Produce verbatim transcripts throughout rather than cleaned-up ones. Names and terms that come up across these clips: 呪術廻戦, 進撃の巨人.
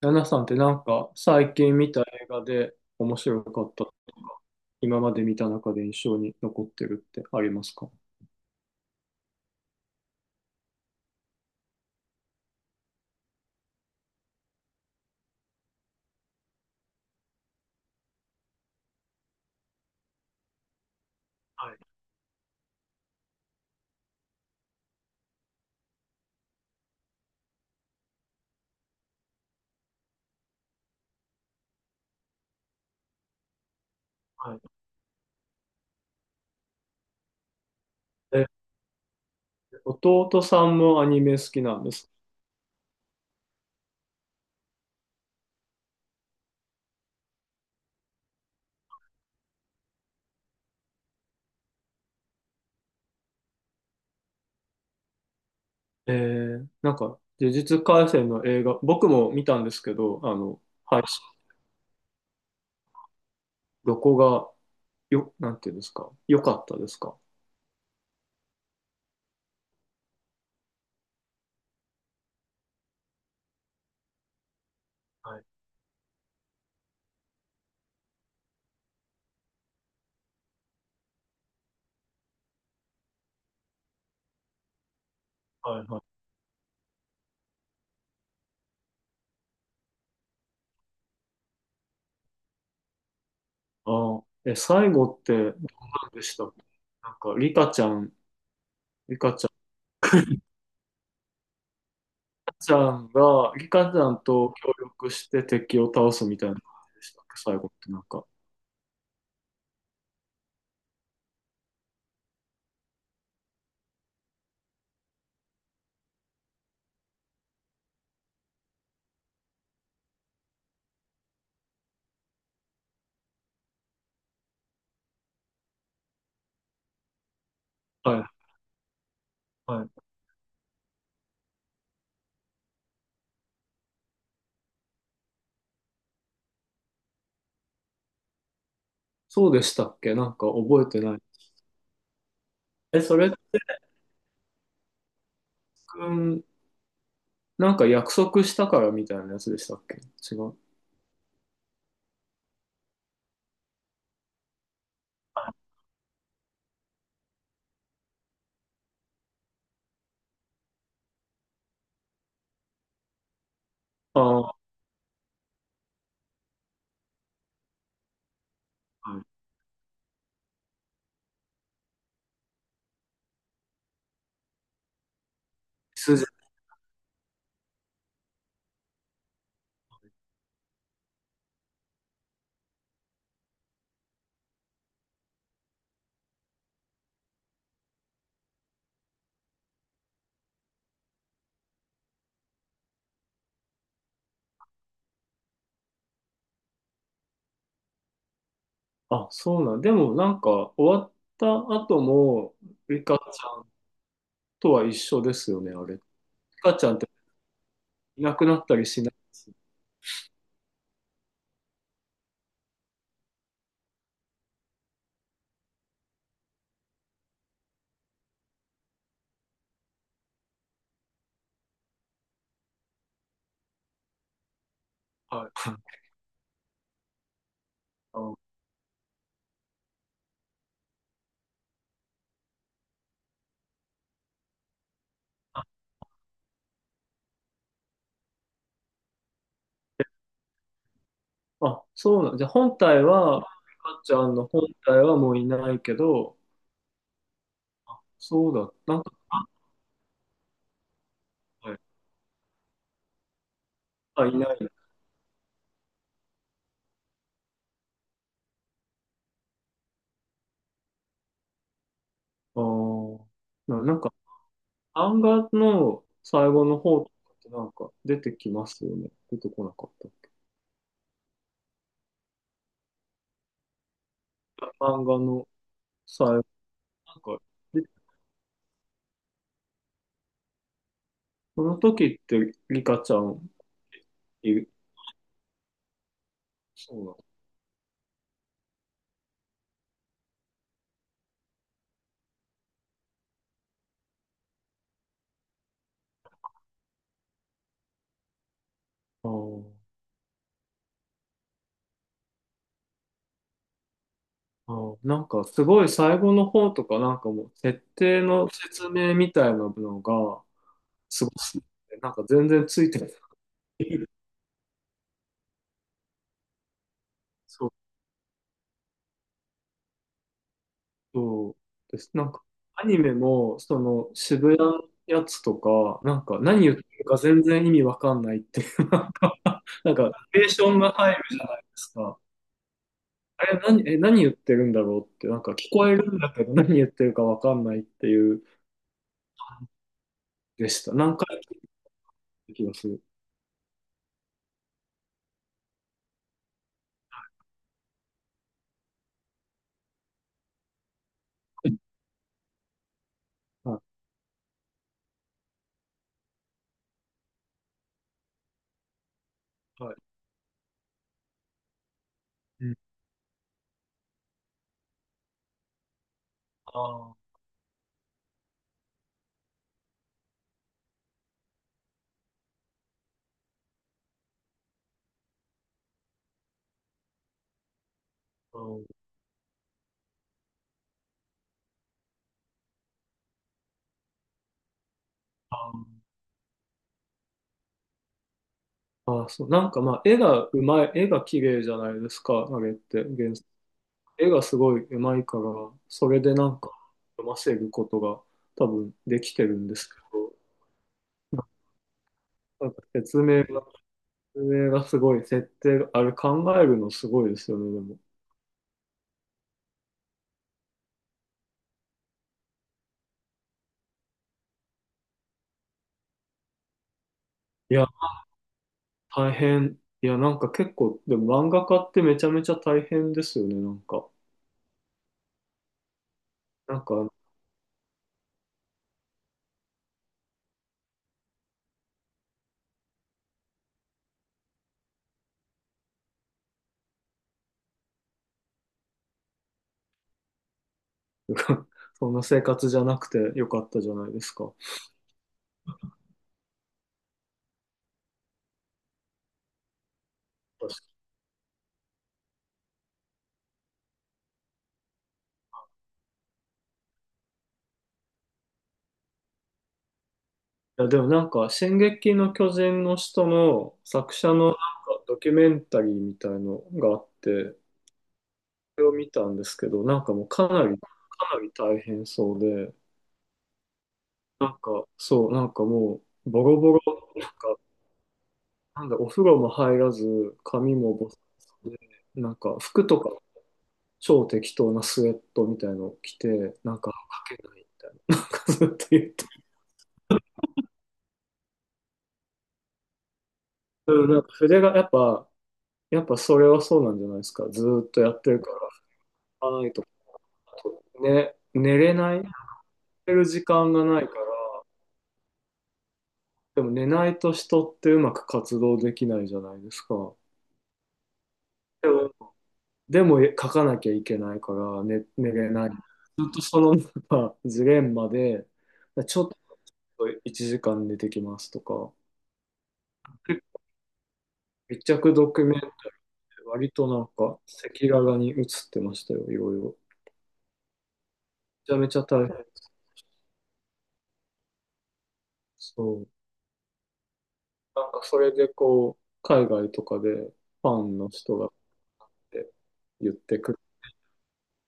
ナナさんってなんか最近見た映画で面白かったとか、今まで見た中で印象に残ってるってありますか？はいはい。え、弟さんもアニメ好きなんです。えー、なんか、呪術廻戦の映画、僕も見たんですけど、あの、配信、どこが、よ、なんていうんですか、良かったですか？はいはいはい。ああ、え、最後ってどうなんでした？なんか、リカちゃん、リカちゃんが、リカちゃんと協力して敵を倒すみたいな感じでしたっけ、最後ってなんか。はい、はい。そうでしたっけ、なんか覚えてない。え、それって、うん、なんか約束したからみたいなやつでしたっけ？違う。ああ、はい。筋。あ、そうなん。でもなんか、終わった後も、リカちゃんとは一緒ですよね、あれ。リカちゃんっていなくなったりしないです。はい。あー、あ、そうなん。じゃあ本体は、かっちゃんの本体はもういないけど、そうだ。なんか、あ、はい、あいない。あー、な、なんか、漫画の最後の方とかってなんか出てきますよね。出てこなかった。漫画の最後、なんか、で、その時ってリカちゃんいる、そうなの。あーあー、なんかすごい最後の方とかなんかもう設定の説明みたいなのがすごすぎて、なんか全然ついてない。そうそうです。なんか、アニメも、その、渋谷のやつとか、なんか、何言ってるか全然意味わかんないっていう、なんか、ナレーションが入るじゃないですか。あれ、何、え、何言ってるんだろうって、なんか、聞こえるんだけど、何言ってるかわかんないっていう、でした。何回聞いた気がする。はい。はい。うん。あーうんあー、あーそう、なんかまあ、絵がうまい、絵が綺麗じゃないですか、あれって、原絵がすごい上手いから、それでなんか読ませることが多分できてるんですけど、なんか説明が、説明がすごい、設定が、あれ考えるのすごいですよね、でも。いや、大変。いや、なんか結構、でも漫画家ってめちゃめちゃ大変ですよね、なんか。なんか、そんな生活じゃなくてよかったじゃないですか。いや、でもなんか、進撃の巨人の人の作者のなんかドキュメンタリーみたいのがあって、れを見たんですけど、なんかもうかなり、かなり大変そうで、なんか、そう、なんかもう、ボロボロ、なんか、なんだ、お風呂も入らず、髪もボサボサで、なんか、服とか、超適当なスウェットみたいのを着て、なんか、書けないみたいな、なんかずっと言って、うんなんか筆が、やっぱ、やっぱそれはそうなんじゃないですか。ずーっとやってるから、拭かないとか、ね、寝れない、寝る時間がないから、でも寝ないと人ってうまく活動できないじゃないですか。でも、でも書かなきゃいけないから寝、寝れない。ずっとそのなんか ジレンマで、ちょっといちじかん寝てきますとか、結構密着ドキュメント割となんか赤裸々に映ってましたよ、いろいろ。めちゃめちゃ大変。そう。なんかそれでこう、海外とかでファンの人がって言ってくる、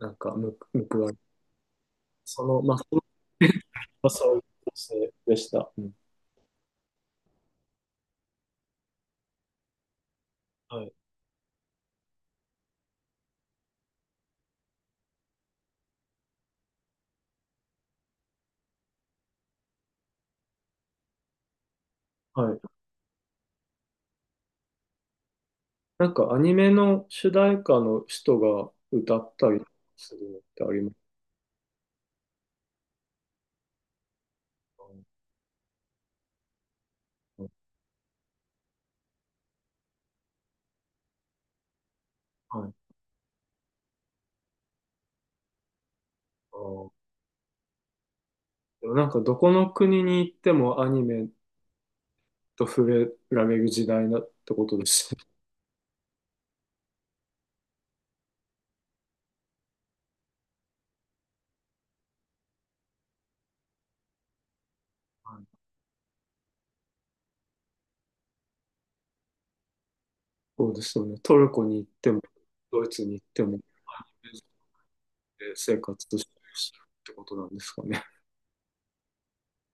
なんかむ報われ、その、まあ、そまあ、そういう形でした。うん、はい。はい。なんかアニメの主題歌の人が歌ったりするのってありますか？うんかはい。あー、でもなんかどこの国に行ってもアニメと触れられる時代だってことですね。はい、そうですよね。トルコに行っても、ドイツに行っても、生活してるってことなんですかね。